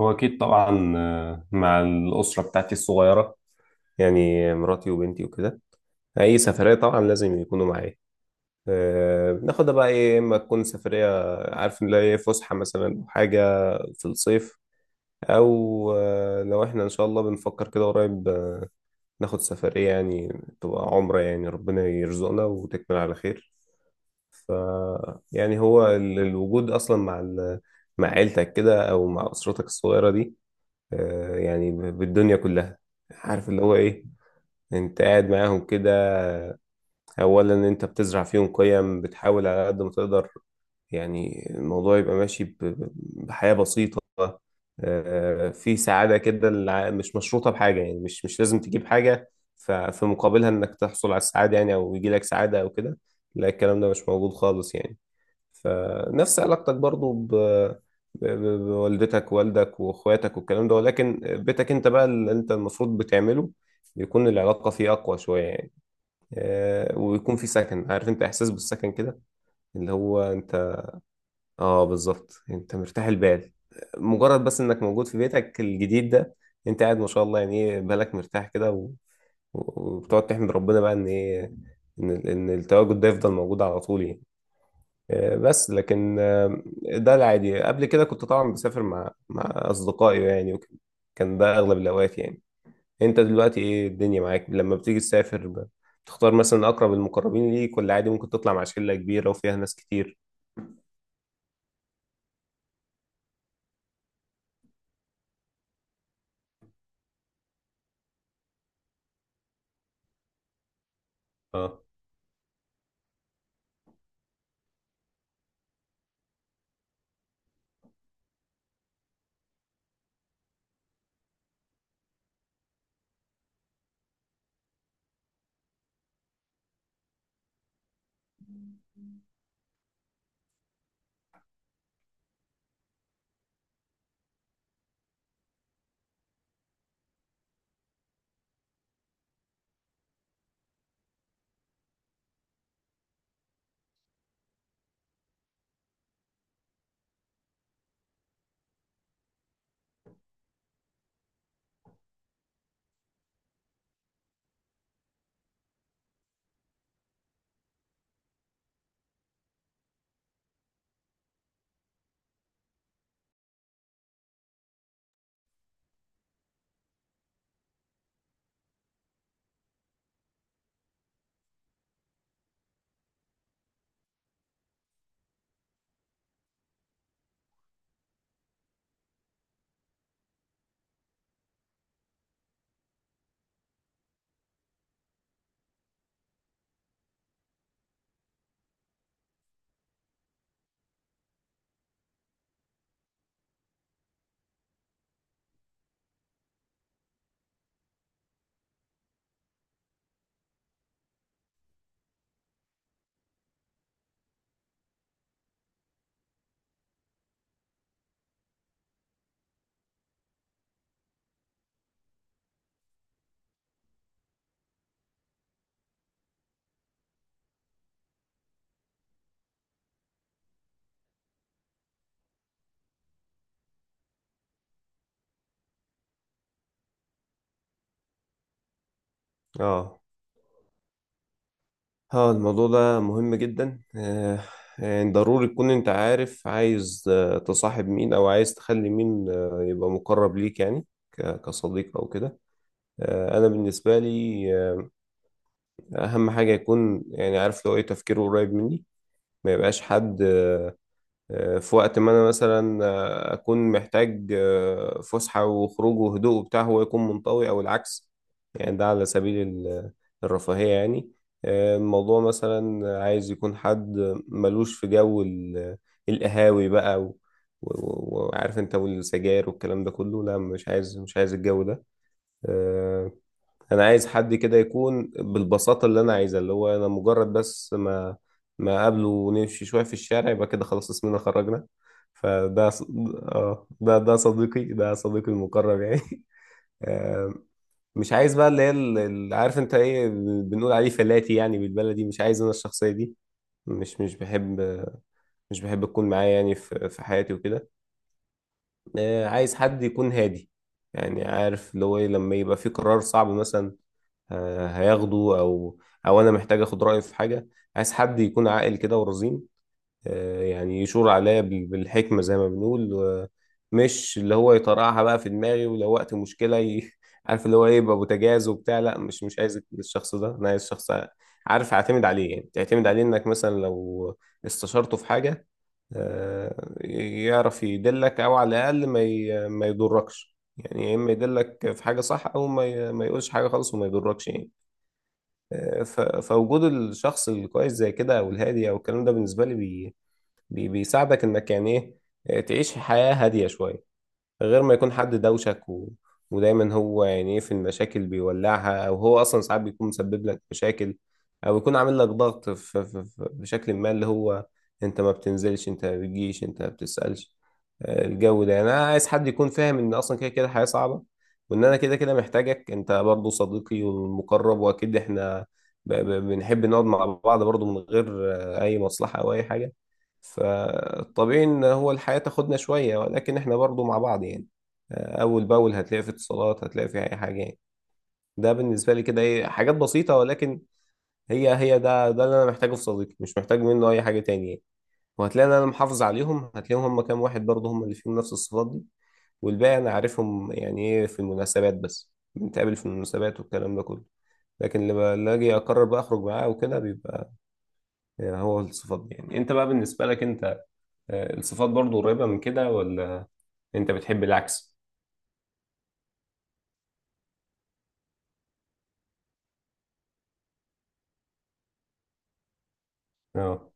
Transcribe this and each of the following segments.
هو أكيد طبعا، مع الأسرة بتاعتي الصغيرة. يعني مراتي وبنتي وكده. أي سفرية طبعا لازم يكونوا معايا. بناخدها بقى إيه، إما تكون سفرية عارف إن هي إيه، فسحة مثلا أو حاجة في الصيف، أو لو إحنا إن شاء الله بنفكر كده قريب، ناخد سفرية يعني، تبقى عمرة يعني ربنا يرزقنا وتكمل على خير. ف يعني هو الوجود أصلا مع مع عيلتك كده أو مع أسرتك الصغيرة دي، يعني بالدنيا كلها. عارف اللي هو ايه، انت قاعد معاهم كده، اولا انت بتزرع فيهم قيم، بتحاول على قد ما تقدر يعني الموضوع يبقى ماشي بحياة بسيطة، في سعادة كده مش مشروطة بحاجة، يعني مش لازم تجيب حاجة في مقابلها انك تحصل على السعادة، يعني او يجي لك سعادة او كده. لا الكلام ده مش موجود خالص يعني. فنفس علاقتك برضو بوالدتك والدك واخواتك والكلام ده، ولكن بيتك انت بقى اللي انت المفروض بتعمله بيكون العلاقة فيه أقوى شوية يعني. آه، ويكون في سكن، عارف انت إحساس بالسكن كده، اللي هو انت، اه بالظبط، انت مرتاح البال مجرد بس انك موجود في بيتك الجديد ده. انت قاعد، ما شاء الله، يعني ايه بالك مرتاح كده وبتقعد تحمد ربنا بقى ان ايه، ان التواجد ده يفضل موجود على طول يعني. بس لكن ده العادي. قبل كده كنت طبعا بسافر مع اصدقائي يعني وكده. كان ده اغلب الاوقات يعني. انت دلوقتي ايه الدنيا معاك لما بتيجي تسافر بتختار مثلا اقرب المقربين ليك، ولا عادي ممكن تطلع مع شلة كبيرة وفيها ناس كتير؟ اه، اه، اه، الموضوع ده مهم جدا. يعني ضروري تكون انت عارف عايز تصاحب مين او عايز تخلي مين يبقى مقرب ليك يعني كصديق او كده. آه، انا بالنسبة لي اهم حاجه يكون، يعني عارف، لو ايه تفكيره قريب مني. ما يبقاش حد في وقت ما انا مثلا اكون محتاج فسحه وخروج وهدوء وبتاع، هو يكون منطوي او العكس. يعني ده على سبيل الرفاهيه يعني. الموضوع مثلا عايز يكون حد ملوش في جو القهاوي بقى وعارف انت، والسجاير والكلام ده كله، لا مش عايز، الجو ده. آه، انا عايز حد كده يكون بالبساطه اللي انا عايزها، اللي هو انا مجرد بس ما اقابله ونمشي شويه في الشارع يبقى كده خلاص، اسمنا خرجنا. فده ص- اه، ده صديقي، ده صديقي المقرب يعني. آه، مش عايز بقى اللي هي عارف انت ايه، بنقول عليه فلاتي يعني بالبلدي. مش عايز انا الشخصيه دي. مش بحب، مش بحب تكون معايا يعني في حياتي وكده. آه، عايز حد يكون هادي، يعني عارف اللي هو إيه، لما يبقى في قرار صعب مثلا هياخده، او او انا محتاج اخد رايه في حاجه. عايز حد يكون عاقل كده ورزين، يعني يشور عليا بالحكمه زي ما بنقول، مش اللي هو يطرقعها بقى في دماغي، ولو وقت مشكله عارف اللي هو ايه، يبقى بوتجاز وبتاع. لا، مش عايز الشخص ده، انا عايز شخص عارف اعتمد عليه، يعني تعتمد عليه انك مثلا لو استشرته في حاجه يعرف يدلك، او على الاقل ما يضركش، يعني يا اما يدلك في حاجه صح، او ما يقولش حاجه خالص وما يضركش يعني. فوجود الشخص الكويس زي كده، او الهادي او الكلام ده، بالنسبه لي بيساعدك انك يعني ايه، تعيش حياه هاديه شويه، غير ما يكون حد دوشك ودايما هو يعني ايه، في المشاكل بيولعها، او هو اصلا ساعات بيكون مسبب لك مشاكل، او يكون عامل لك ضغط بشكل ما، اللي هو انت ما بتنزلش، انت ما بتجيش، انت ما بتسألش. الجو ده يعني، انا عايز حد يكون فاهم ان اصلا كده كده حياة صعبة، وان انا كده كده محتاجك انت برضو صديقي والمقرب، واكيد احنا بنحب نقعد مع بعض برضو من غير اي مصلحة او اي حاجة. فطبيعي ان هو الحياة تاخدنا شوية، ولكن احنا برضو مع بعض يعني اول باول، هتلاقي في اتصالات، هتلاقي في اي حاجة يعني. ده بالنسبة لي كده، ايه، حاجات بسيطة، ولكن هي ده اللي انا محتاجه في صديقي. مش محتاج منه اي حاجة تانية يعني. وهتلاقي ان انا محافظ عليهم، هتلاقيهم هم كام واحد برضو، هم اللي فيهم نفس الصفات دي. والباقي انا عارفهم يعني ايه، في المناسبات بس بنتقابل في المناسبات والكلام ده كله، لكن اللي اجي اقرر بقى اخرج معاه وكده بيبقى يعني هو الصفات دي. يعني انت بقى بالنسبة لك انت، الصفات برضو قريبة من كده، ولا انت بتحب العكس؟ اه.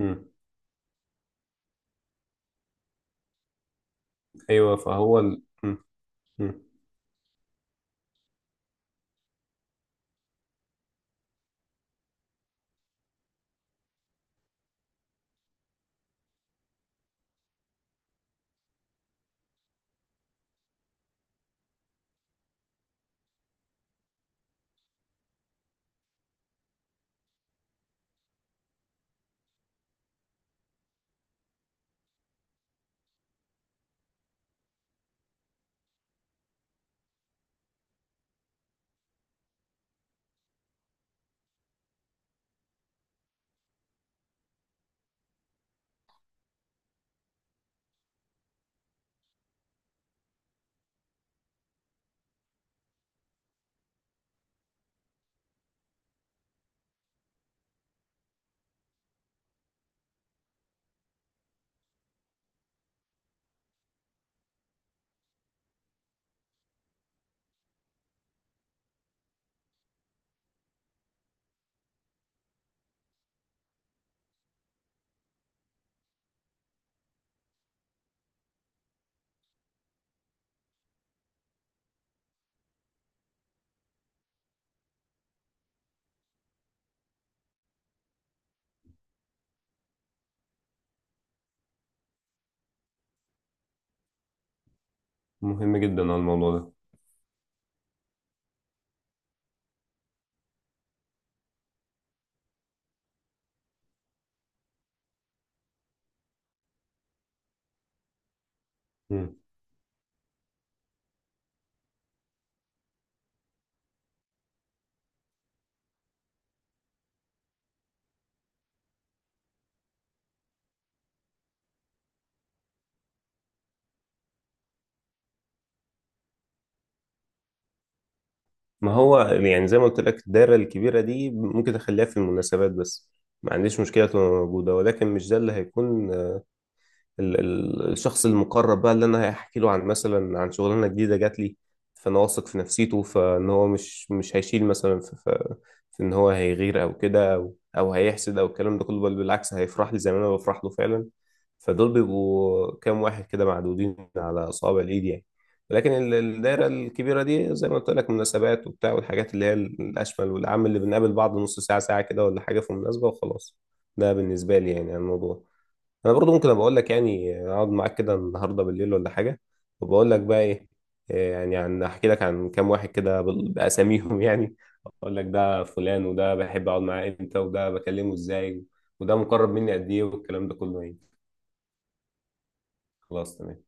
مم. ايوه، فهو مم. مم. مهم جدا على الموضوع ده. مم. ما هو يعني زي ما قلت لك، الدايره الكبيره دي ممكن اخليها في المناسبات بس. ما عنديش مشكله تبقى موجوده، ولكن مش ده اللي هيكون الشخص المقرب بقى، اللي انا هحكي له عن مثلا عن شغلانه جديده جات لي، فانا واثق في نفسيته فان هو مش هيشيل مثلا في ان هو هيغير، او كده، او هيحسد، او الكلام ده كله. بل بالعكس، هيفرح لي زي ما انا بفرح له فعلا. فدول بيبقوا كام واحد كده معدودين على اصابع الايد يعني. ولكن الدايره الكبيره دي زي ما قلت لك، مناسبات وبتاع، والحاجات اللي هي الاشمل والعام، اللي بنقابل بعض نص ساعه ساعه كده، ولا حاجه في مناسبه وخلاص. ده بالنسبه لي يعني عن الموضوع. انا برضو ممكن ابقى اقول لك يعني، اقعد معاك كده النهارده بالليل ولا حاجه، وبقول لك بقى ايه، إيه يعني، عن احكي لك عن كام واحد كده باساميهم، يعني اقول لك ده فلان، وده بحب اقعد معاه امتى، وده بكلمه ازاي، وده مقرب مني قد ايه، والكلام ده كله يعني. خلاص، تمام.